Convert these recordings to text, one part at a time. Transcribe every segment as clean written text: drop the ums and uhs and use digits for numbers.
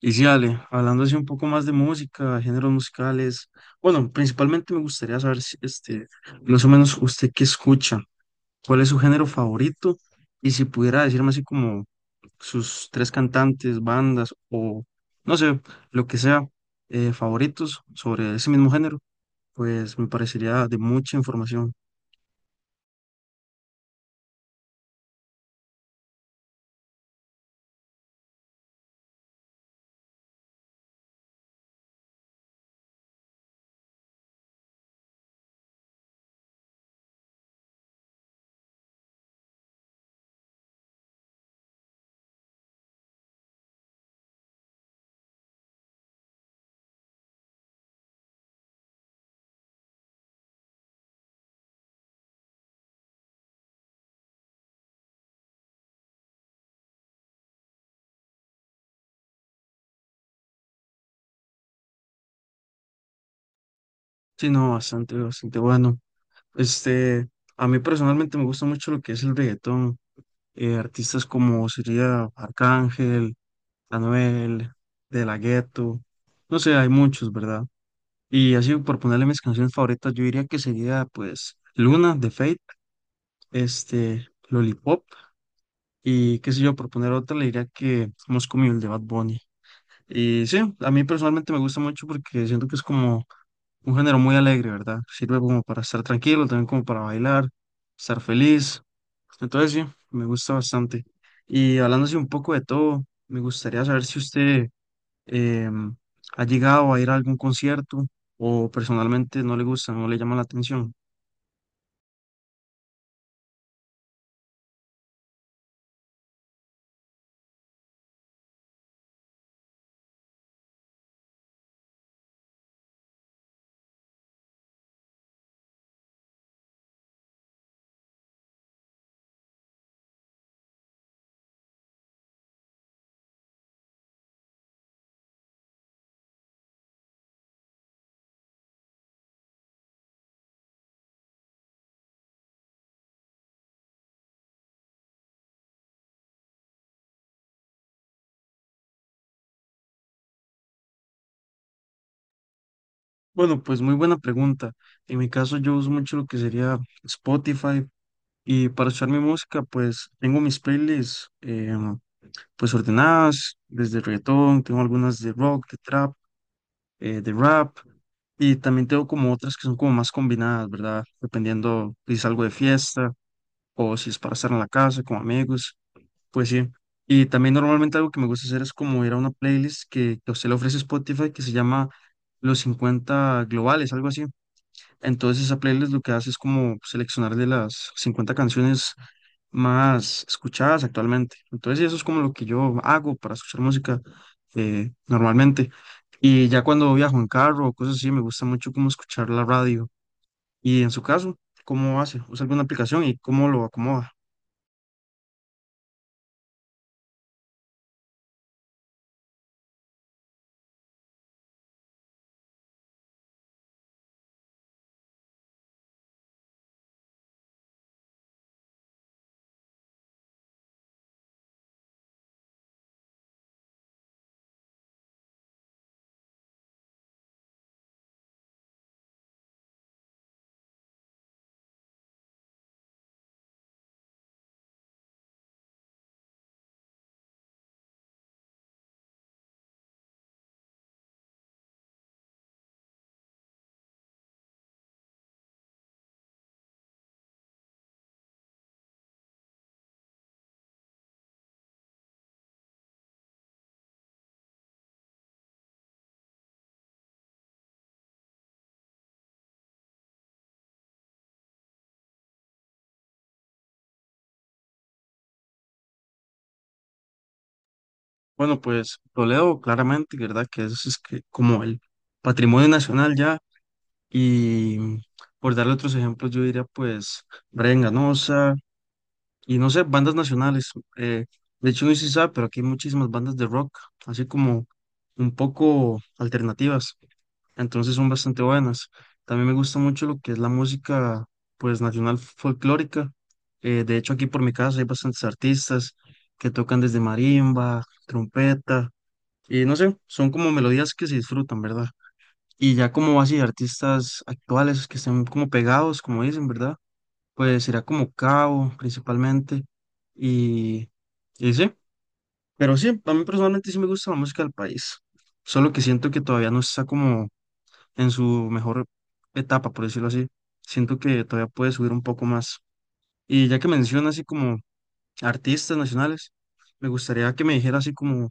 Y sí, Ale, hablando así un poco más de música, géneros musicales, bueno, principalmente me gustaría saber si, más o menos usted qué escucha, cuál es su género favorito y si pudiera decirme así como sus tres cantantes, bandas o no sé, lo que sea, favoritos sobre ese mismo género, pues me parecería de mucha información. Sí, no, bastante, bastante bueno. Este, a mí personalmente me gusta mucho lo que es el reggaetón, artistas como sería Arcángel, Anuel, De La Ghetto, no sé, hay muchos, ¿verdad? Y así por ponerle mis canciones favoritas, yo diría que sería pues Luna de Fate, Lollipop y qué sé yo, por poner otra le diría que Moscow Mule de Bad Bunny. Y sí, a mí personalmente me gusta mucho porque siento que es como un género muy alegre, ¿verdad? Sirve como para estar tranquilo, también como para bailar, estar feliz. Entonces sí, me gusta bastante. Y hablando así un poco de todo, me gustaría saber si usted Em, ¿ha llegado a ir a algún concierto o personalmente no le gusta, no le llama la atención? Bueno, pues muy buena pregunta. En mi caso yo uso mucho lo que sería Spotify y para escuchar mi música pues tengo mis playlists pues ordenadas, desde reggaetón, tengo algunas de rock, de trap, de rap y también tengo como otras que son como más combinadas, ¿verdad? Dependiendo si salgo de fiesta o si es para estar en la casa con amigos. Pues sí. Y también normalmente algo que me gusta hacer es como ir a una playlist que a usted le ofrece Spotify que se llama Los 50 Globales, algo así. Entonces esa playlist lo que hace es como seleccionar de las 50 canciones más escuchadas actualmente. Entonces sí, eso es como lo que yo hago para escuchar música normalmente. Y ya cuando viajo en carro o cosas así, me gusta mucho como escuchar la radio. Y en su caso, ¿cómo hace? ¿Usa alguna aplicación y cómo lo acomoda? Bueno, pues Toledo claramente, ¿verdad? Que eso es que como el patrimonio nacional ya. Y mm, por darle otros ejemplos, yo diría pues Brian Ganosa y no sé, bandas nacionales. eh, de hecho, no sé si sabe, pero aquí hay muchísimas bandas de rock, así como un poco alternativas. Entonces son bastante buenas. También me gusta mucho lo que es la música pues nacional folclórica. De hecho, aquí por mi casa hay bastantes artistas que tocan desde marimba, trompeta. Y no sé, son como melodías que se disfrutan, ¿verdad? Y ya como así artistas actuales que estén como pegados, como dicen, ¿verdad? Pues sería como Cabo principalmente. Y, y sí, pero sí, a mí personalmente sí me gusta la música del país. Solo que siento que todavía no está como en su mejor etapa, por decirlo así. Siento que todavía puede subir un poco más. Y ya que menciona así como artistas nacionales, me gustaría que me dijera así como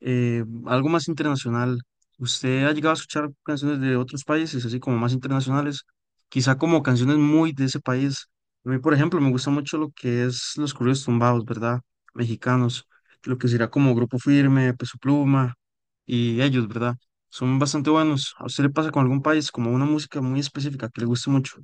Algo más internacional. ¿Usted ha llegado a escuchar canciones de otros países, así como más internacionales? Quizá como canciones muy de ese país. A mí, por ejemplo, me gusta mucho lo que es los corridos tumbados, ¿verdad? Mexicanos, lo que será como Grupo Firme, Peso Pluma y ellos, ¿verdad? Son bastante buenos. ¿A usted le pasa con algún país como una música muy específica que le guste mucho?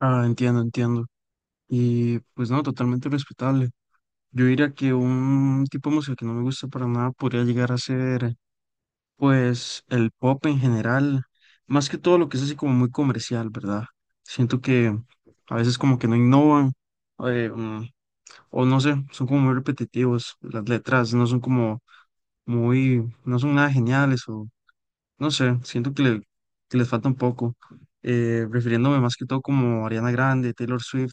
Ah, entiendo, entiendo. Y pues no, totalmente respetable. Yo diría que un tipo de música que no me gusta para nada podría llegar a ser pues el pop en general, más que todo lo que es así como muy comercial, ¿verdad? Siento que a veces como que no innovan, eh, mm, o no sé, son como muy repetitivos, las letras no son como muy, no son nada geniales, o no sé, siento que, que les falta un poco, refiriéndome más que todo como Ariana Grande, Taylor Swift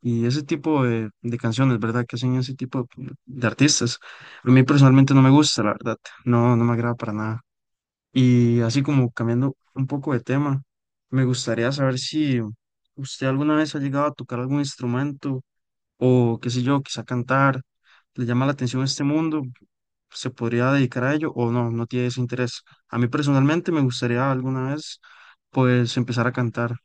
y ese tipo de canciones, ¿verdad? Que hacen ese tipo de artistas. A mí personalmente no me gusta, la verdad, no, no me agrada para nada. Y así como cambiando un poco de tema, me gustaría saber si usted alguna vez ha llegado a tocar algún instrumento o qué sé yo, quizá cantar, le llama la atención este mundo, se podría dedicar a ello o no, no tiene ese interés. A mí personalmente me gustaría alguna vez pues empezar a cantar.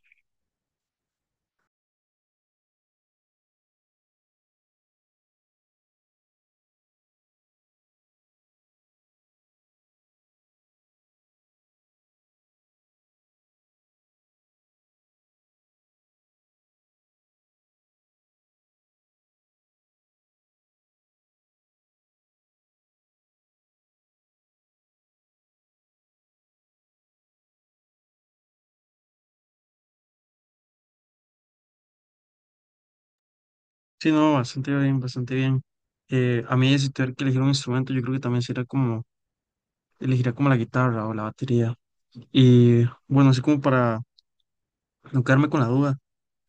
Sí, no, bastante bien, bastante bien. A mí si tuviera que elegir un instrumento, yo creo que también sería como, elegiría como la guitarra o la batería. Y bueno, así como para no quedarme con la duda.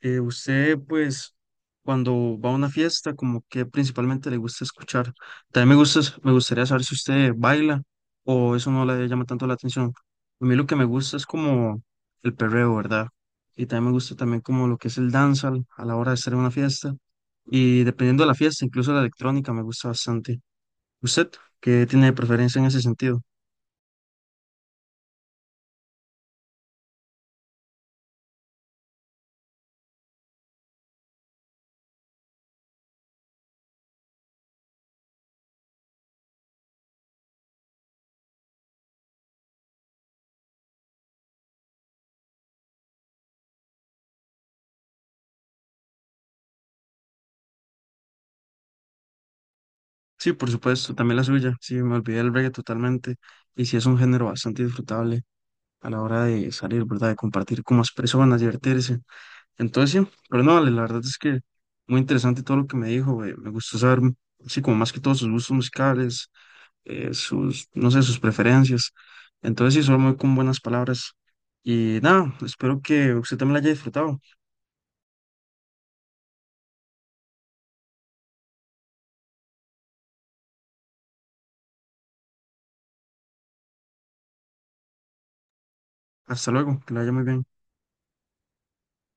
Usted, pues, cuando va a una fiesta, como que principalmente le gusta escuchar. También me gusta, me gustaría saber si usted baila o eso no le llama tanto la atención. A mí lo que me gusta es como el perreo, ¿verdad? Y también me gusta también como lo que es el dancehall a la hora de estar en una fiesta. Y dependiendo de la fiesta, incluso la electrónica me gusta bastante. ¿Usted qué tiene de preferencia en ese sentido? Sí, por supuesto, también la suya. Sí, me olvidé del reggae totalmente. Y sí, es un género bastante disfrutable. A la hora de salir, ¿verdad? De compartir con más personas, divertirse. Entonces, sí, pero no, Ale, la verdad es que muy interesante todo lo que me dijo, me gustó saber, sí, como más que todos sus gustos musicales, sus, no sé, sus preferencias. Entonces, sí, solo muy con buenas palabras. Y nada, espero que usted también la haya disfrutado. Hasta luego, que la haya muy bien.